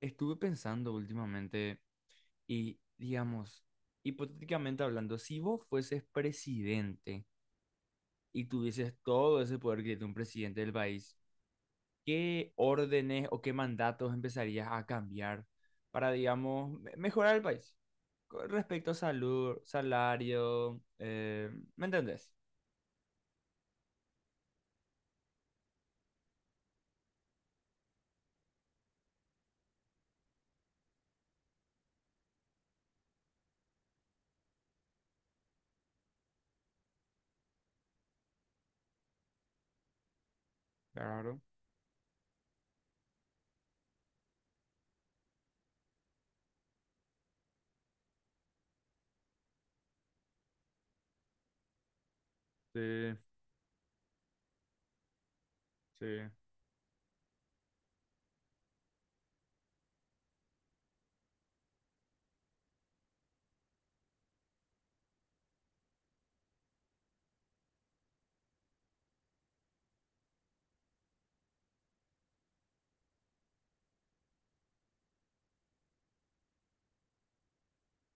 Estuve pensando últimamente y, digamos, hipotéticamente hablando, si vos fueses presidente y tuvieses todo ese poder que tiene un presidente del país, ¿qué órdenes o qué mandatos empezarías a cambiar para, digamos, mejorar el país? Con respecto a salud, salario, ¿me entendés? Claro, sí, sí.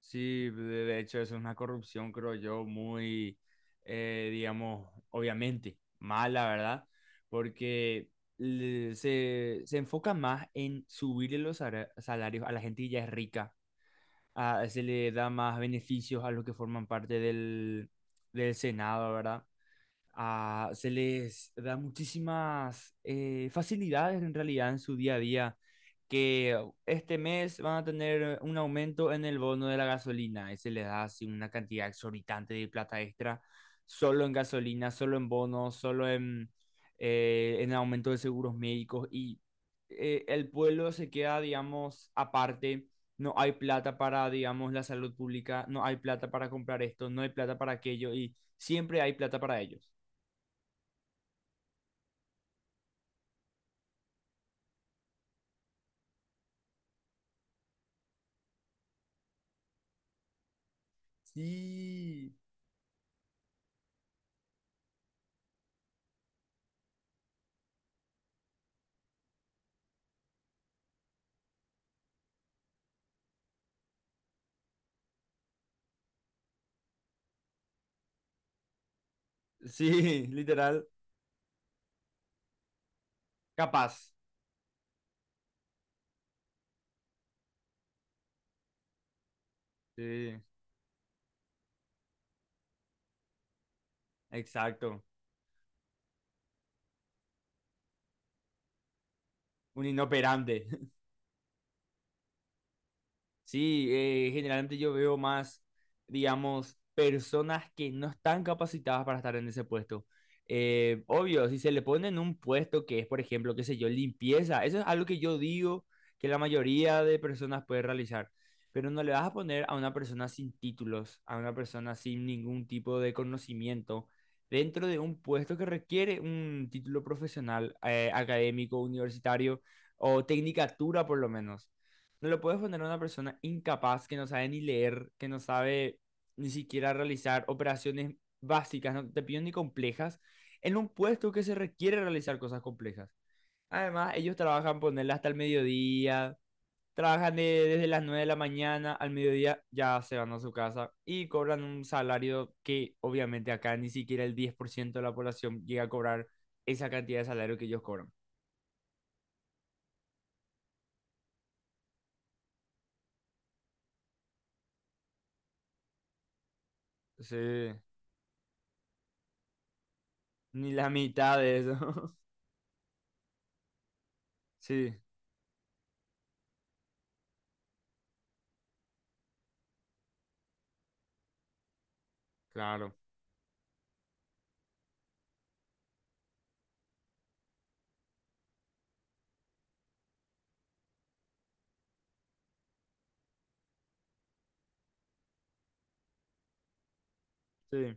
Sí, de hecho es una corrupción, creo yo, muy, digamos, obviamente mala, ¿verdad? Porque se enfoca más en subirle los salarios a la gente que ya es rica, se le da más beneficios a los que forman parte del Senado, ¿verdad? Ah, se les da muchísimas facilidades en realidad en su día a día, que este mes van a tener un aumento en el bono de la gasolina y se les da así una cantidad exorbitante de plata extra, solo en gasolina, solo en bonos, solo en aumento de seguros médicos y el pueblo se queda, digamos, aparte. No hay plata para, digamos, la salud pública, no hay plata para comprar esto, no hay plata para aquello y siempre hay plata para ello. Sí, sí, literal, capaz. Sí, exacto. Un inoperante. Sí, generalmente yo veo más, digamos, personas que no están capacitadas para estar en ese puesto. Obvio, si se le pone en un puesto que es, por ejemplo, qué sé yo, limpieza, eso es algo que yo digo que la mayoría de personas puede realizar, pero no le vas a poner a una persona sin títulos, a una persona sin ningún tipo de conocimiento, dentro de un puesto que requiere un título profesional, académico, universitario o tecnicatura por lo menos. No lo puedes poner a una persona incapaz que no sabe ni leer, que no sabe ni siquiera realizar operaciones básicas, no te pido ni complejas, en un puesto que se requiere realizar cosas complejas. Además, ellos trabajan ponerla hasta el mediodía, trabajan desde las 9 de la mañana al mediodía, ya se van a su casa y cobran un salario que obviamente acá ni siquiera el 10% de la población llega a cobrar esa cantidad de salario que ellos cobran. Sí, ni la mitad de eso. Sí, claro. Sí,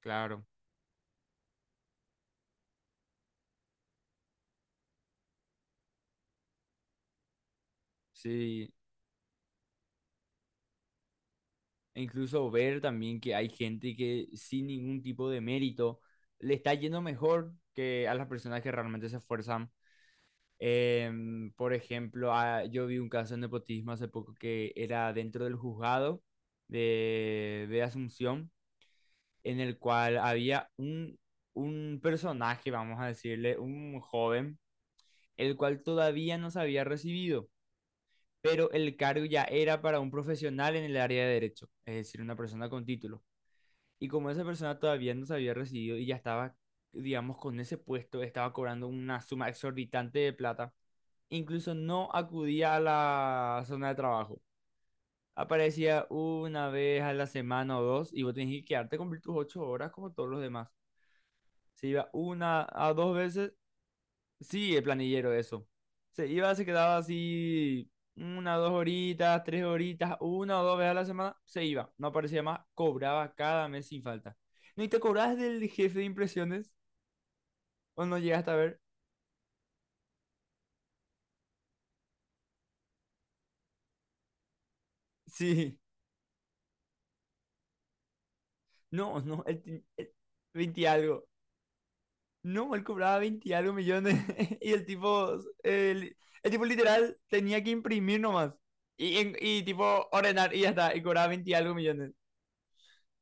claro, sí. E incluso ver también que hay gente que sin ningún tipo de mérito le está yendo mejor que a las personas que realmente se esfuerzan. Por ejemplo, ah, yo vi un caso de nepotismo hace poco que era dentro del juzgado de Asunción, en el cual había un personaje, vamos a decirle, un joven, el cual todavía no se había recibido. Pero el cargo ya era para un profesional en el área de derecho, es decir, una persona con título. Y como esa persona todavía no se había recibido y ya estaba, digamos, con ese puesto, estaba cobrando una suma exorbitante de plata, incluso no acudía a la zona de trabajo. Aparecía una vez a la semana o dos y vos tenías que quedarte a cumplir tus 8 horas como todos los demás. Se iba una a dos veces. Sí, el planillero, eso. Se iba, se quedaba así una, dos horitas, tres horitas, una o dos veces a la semana, se iba, no aparecía más, cobraba cada mes sin falta. ¿No y te cobras del jefe de impresiones? ¿O no llegaste a ver? Sí, no, no, el 20 y algo. No, él cobraba 20 y algo millones y el tipo, el tipo literal tenía que imprimir nomás y, y tipo ordenar y ya está, y cobraba 20 y algo millones.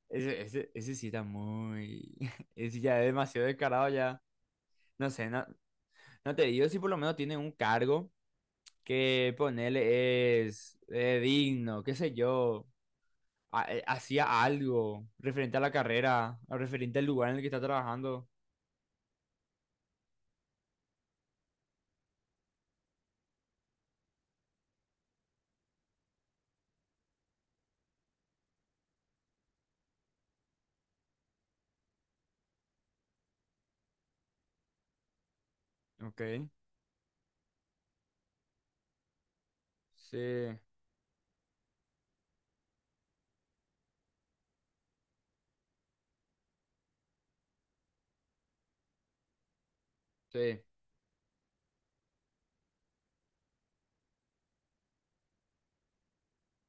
Ese sí está muy. Ese ya es demasiado descarado, ya. No sé, no, no te digo si por lo menos tiene un cargo que ponerle es digno, qué sé yo. Hacía algo referente a la carrera, o referente al lugar en el que está trabajando. Ok. Sí, sí,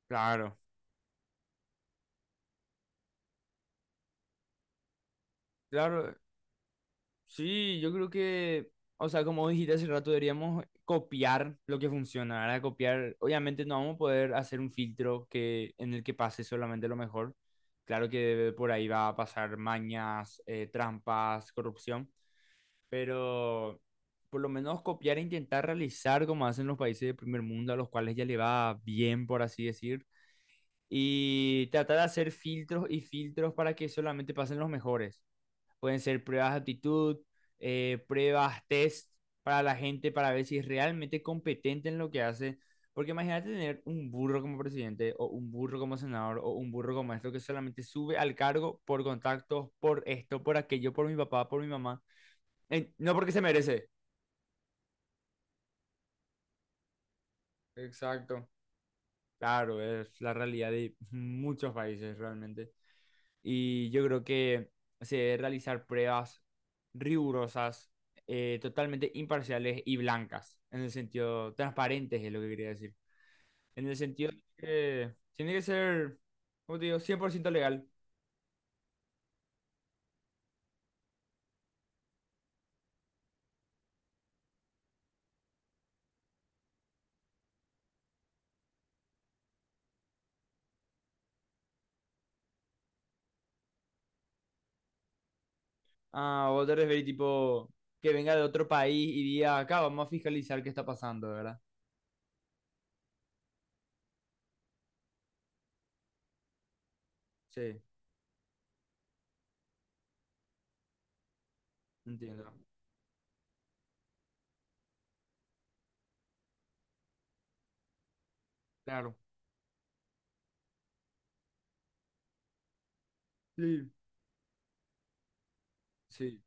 claro. Claro, sí, yo creo que, o sea, como dijiste hace rato, deberíamos copiar lo que funciona, ¿verdad? Copiar, obviamente no vamos a poder hacer un filtro en el que pase solamente lo mejor. Claro que por ahí va a pasar mañas, trampas, corrupción, pero por lo menos copiar e intentar realizar como hacen los países de primer mundo, a los cuales ya le va bien, por así decir, y tratar de hacer filtros y filtros para que solamente pasen los mejores. Pueden ser pruebas de actitud, pruebas, test para la gente para ver si es realmente competente en lo que hace. Porque imagínate tener un burro como presidente o un burro como senador o un burro como esto que solamente sube al cargo por contactos, por esto, por aquello, por mi papá, por mi mamá. No porque se merece. Exacto. Claro, es la realidad de muchos países realmente. Y yo creo que se debe realizar pruebas rigurosas, totalmente imparciales y blancas, en el sentido, transparentes es lo que quería decir. En el sentido de que tiene que ser, como te digo, 100% legal. Ah, ¿vos te referís tipo que venga de otro país y diga, acá vamos a fiscalizar qué está pasando, ¿verdad? Sí, entiendo. Claro. Sí, sí.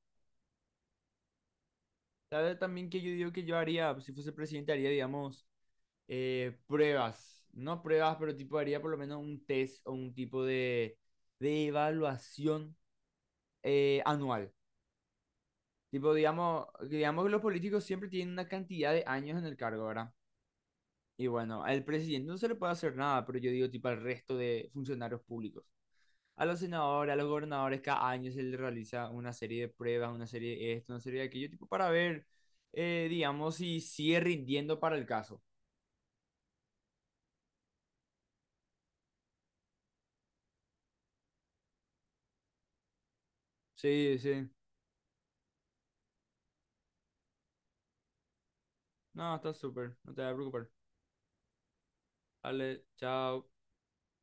¿Sabes también que yo digo que yo haría, si fuese presidente, haría, digamos, pruebas? No pruebas, pero tipo haría por lo menos un test o un tipo de evaluación anual. Tipo, digamos, digamos que los políticos siempre tienen una cantidad de años en el cargo, ¿verdad? Y bueno, al presidente no se le puede hacer nada, pero yo digo tipo al resto de funcionarios públicos. A los senadores, a los gobernadores, cada año se les realiza una serie de pruebas, una serie de esto, una serie de aquello, tipo para ver, digamos, si sigue rindiendo para el caso. Sí, sí. No, está súper, no te vas a preocupar. Vale, chao.